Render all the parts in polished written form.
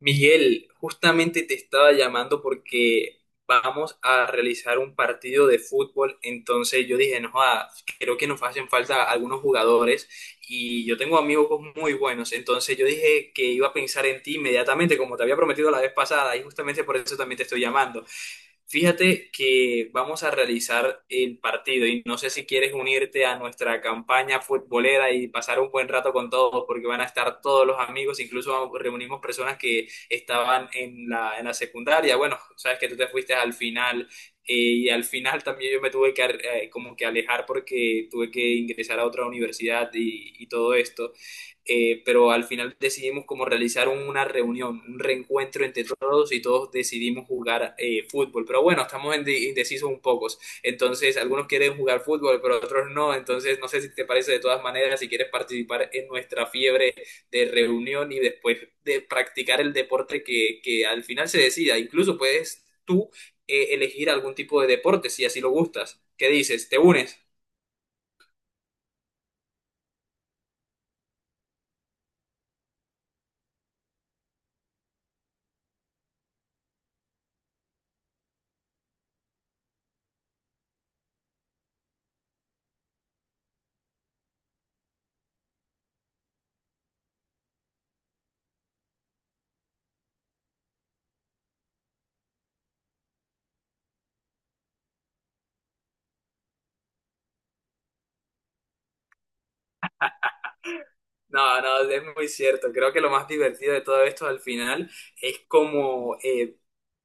Miguel, justamente te estaba llamando porque vamos a realizar un partido de fútbol, entonces yo dije, no, joda, creo que nos hacen falta algunos jugadores y yo tengo amigos muy buenos, entonces yo dije que iba a pensar en ti inmediatamente, como te había prometido la vez pasada, y justamente por eso también te estoy llamando. Fíjate que vamos a realizar el partido y no sé si quieres unirte a nuestra campaña futbolera y pasar un buen rato con todos, porque van a estar todos los amigos, incluso reunimos personas que estaban en la secundaria. Bueno, sabes que tú te fuiste al final y al final también yo me tuve que como que alejar porque tuve que ingresar a otra universidad y todo esto. Pero al final decidimos como realizar una reunión, un reencuentro entre todos y todos decidimos jugar fútbol. Pero bueno, estamos indecisos un poco. Entonces, algunos quieren jugar fútbol, pero otros no. Entonces, no sé si te parece de todas maneras, si quieres participar en nuestra fiebre de reunión y después de practicar el deporte que al final se decida. Incluso puedes tú elegir algún tipo de deporte si así lo gustas. ¿Qué dices? ¿Te unes? No, no, es muy cierto. Creo que lo más divertido de todo esto al final es como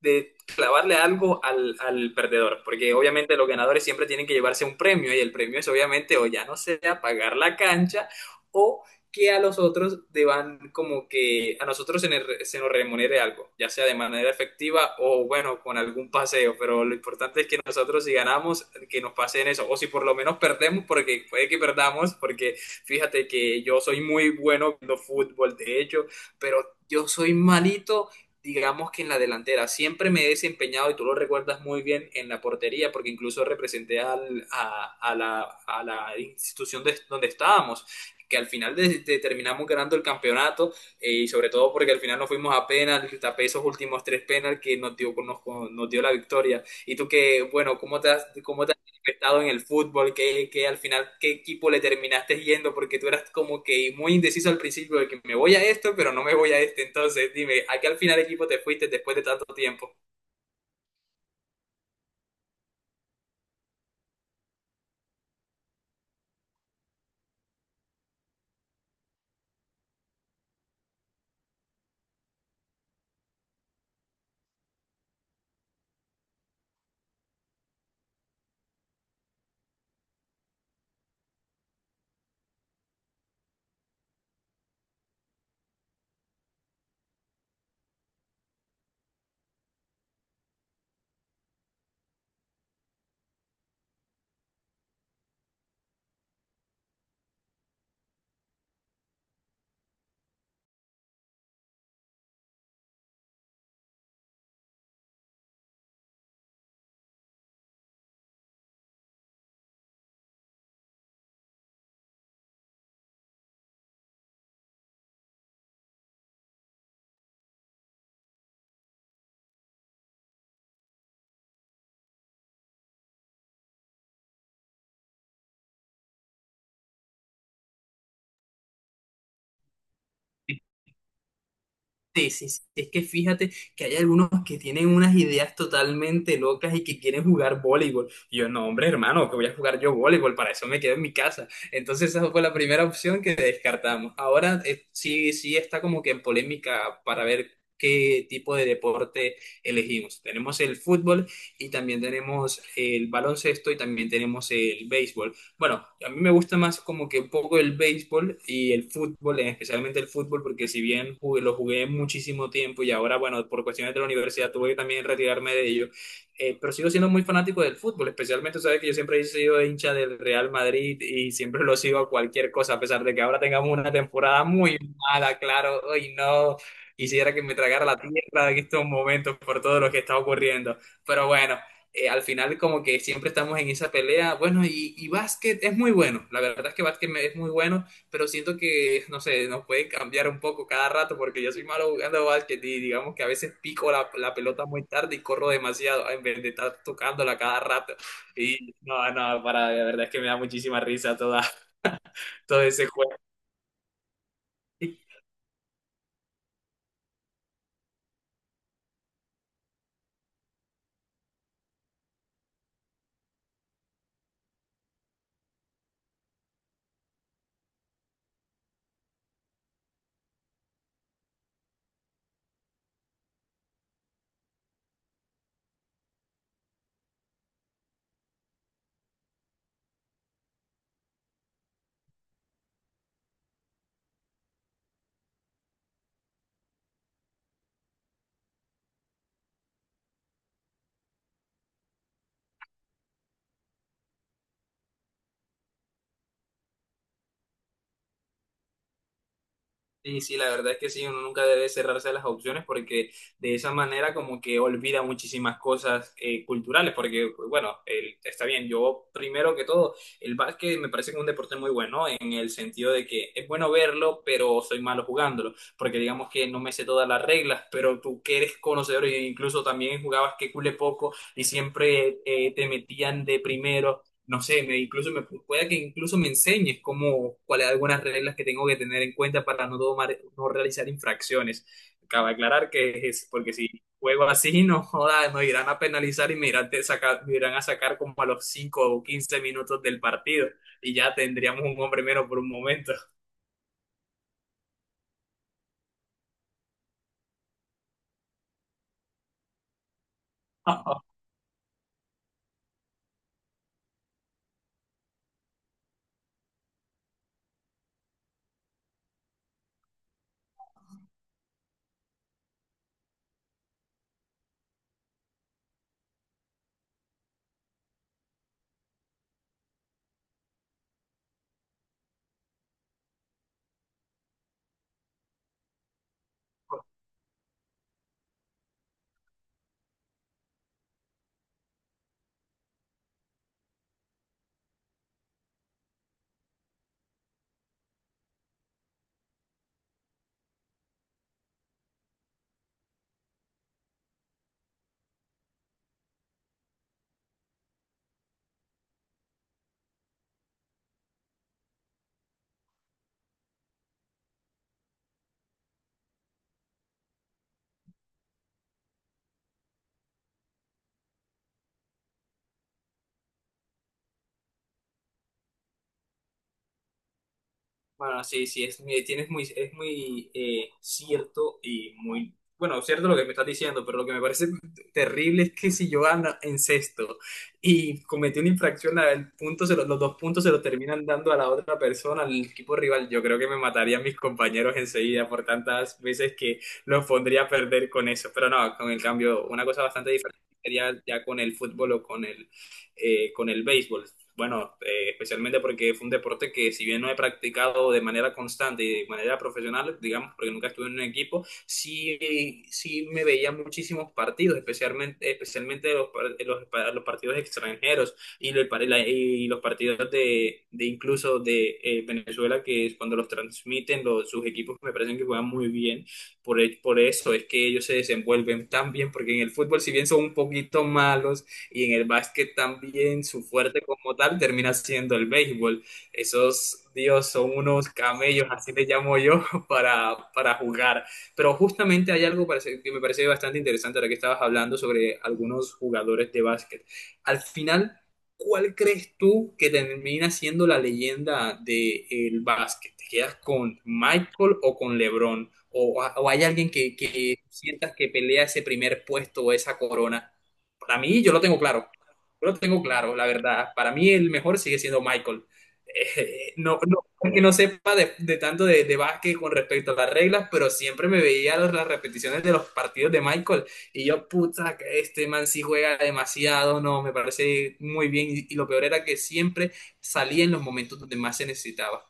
de clavarle algo al perdedor, porque obviamente los ganadores siempre tienen que llevarse un premio y el premio es obviamente o ya no sea pagar la cancha o que a los otros deban como que a nosotros se nos remunere algo, ya sea de manera efectiva o bueno, con algún paseo, pero lo importante es que nosotros si ganamos, que nos pasen eso, o si por lo menos perdemos, porque puede que perdamos, porque fíjate que yo soy muy bueno viendo fútbol, de hecho, pero yo soy malito, digamos que en la delantera. Siempre me he desempeñado, y tú lo recuerdas muy bien, en la portería, porque incluso representé a la institución donde estábamos, que al final terminamos ganando el campeonato y sobre todo porque al final nos fuimos a penal, tapé esos últimos tres penal que nos dio, nos dio la victoria. Y tú que, bueno, ¿cómo te estado en el fútbol, que al final qué equipo le terminaste yendo, porque tú eras como que muy indeciso al principio de que me voy a esto, pero no me voy a este. Entonces, dime, ¿a qué al final equipo te fuiste después de tanto tiempo? Sí, sí, sí, es que fíjate que hay algunos que tienen unas ideas totalmente locas y que quieren jugar voleibol. Y yo, no, hombre, hermano, que voy a jugar yo voleibol, para eso me quedo en mi casa. Entonces esa fue la primera opción que descartamos. Ahora sí, sí está como que en polémica para ver qué tipo de deporte elegimos. Tenemos el fútbol y también tenemos el baloncesto y también tenemos el béisbol. Bueno, a mí me gusta más como que un poco el béisbol y el fútbol, especialmente el fútbol, porque si bien lo jugué muchísimo tiempo y ahora, bueno, por cuestiones de la universidad tuve que también retirarme de ello, pero sigo siendo muy fanático del fútbol, especialmente, sabes que yo siempre he sido hincha del Real Madrid y siempre lo sigo a cualquier cosa, a pesar de que ahora tengamos una temporada muy mala, claro, hoy no, quisiera que me tragara la tierra en estos momentos por todo lo que está ocurriendo, pero bueno, al final como que siempre estamos en esa pelea. Bueno, y básquet es muy bueno. La verdad es que es muy bueno, pero siento que, no sé, nos puede cambiar un poco cada rato porque yo soy malo jugando básquet y digamos que a veces pico la pelota muy tarde y corro demasiado en vez de estar tocándola cada rato. Y no, no, para, la verdad es que me da muchísima risa toda, todo ese juego. Sí, sí, la verdad es que sí, uno nunca debe cerrarse a las opciones porque de esa manera como que olvida muchísimas cosas culturales, porque bueno, está bien, yo primero que todo, el básquet me parece que es un deporte muy bueno en el sentido de que es bueno verlo, pero soy malo jugándolo, porque digamos que no me sé todas las reglas, pero tú que eres conocedor e incluso también jugabas que cule poco y siempre te metían de primero, no sé, incluso me pueda que incluso me enseñes cómo, cuáles algunas reglas que tengo que tener en cuenta para no tomar, no realizar infracciones. Acaba de aclarar que es porque si juego así, no joda, me irán a penalizar y me me irán a sacar como a los 5 o 15 minutos del partido y ya tendríamos un hombre menos por un momento. Bueno, sí, sí, es, tienes muy, es muy cierto y muy, bueno, cierto lo que me estás diciendo, pero lo que me parece terrible es que si yo ando en sexto y cometí una infracción, la- el punto se lo- los dos puntos se los terminan dando a la otra persona, al equipo rival, yo creo que me matarían mis compañeros enseguida por tantas veces que los pondría a perder con eso, pero no, con el cambio, una cosa bastante diferente sería ya con el fútbol o con el béisbol. Bueno, especialmente porque fue un deporte que si bien no he practicado de manera constante y de manera profesional, digamos, porque nunca estuve en un equipo, sí, sí me veía muchísimos partidos, especialmente, especialmente los partidos extranjeros y los partidos de incluso de Venezuela, que es cuando los transmiten los, sus equipos me parecen que juegan muy bien. Por eso es que ellos se desenvuelven tan bien, porque en el fútbol, si bien son un poquito malos, y en el básquet también su fuerte como tal termina siendo el béisbol. Esos, Dios, son unos camellos, así les llamo yo, para jugar. Pero justamente hay algo que me parece bastante interesante ahora que estabas hablando sobre algunos jugadores de básquet. Al final, ¿cuál crees tú que termina siendo la leyenda del básquet? ¿Te quedas con Michael o con LeBron? ¿O hay alguien que sientas que pelea ese primer puesto o esa corona? Para mí, yo lo tengo claro. Yo lo tengo claro, la verdad. Para mí el mejor sigue siendo Michael. No, no es que no sepa de tanto de básquet con respecto a las reglas, pero siempre me veía las repeticiones de los partidos de Michael y yo, puta, que este man sí juega demasiado, no, me parece muy bien y lo peor era que siempre salía en los momentos donde más se necesitaba.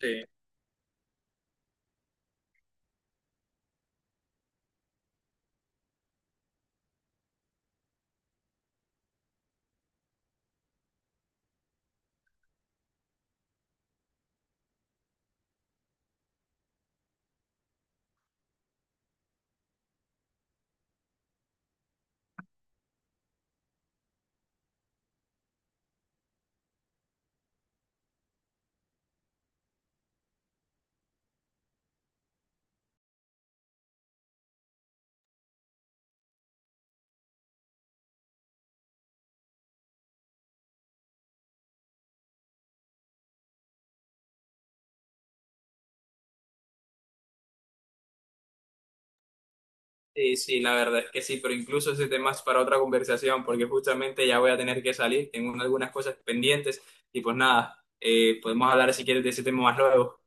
Sí. Sí, sí, la verdad es que sí, pero incluso ese tema es para otra conversación, porque justamente ya voy a tener que salir, tengo algunas cosas pendientes y pues nada, podemos hablar si quieres de ese tema más luego.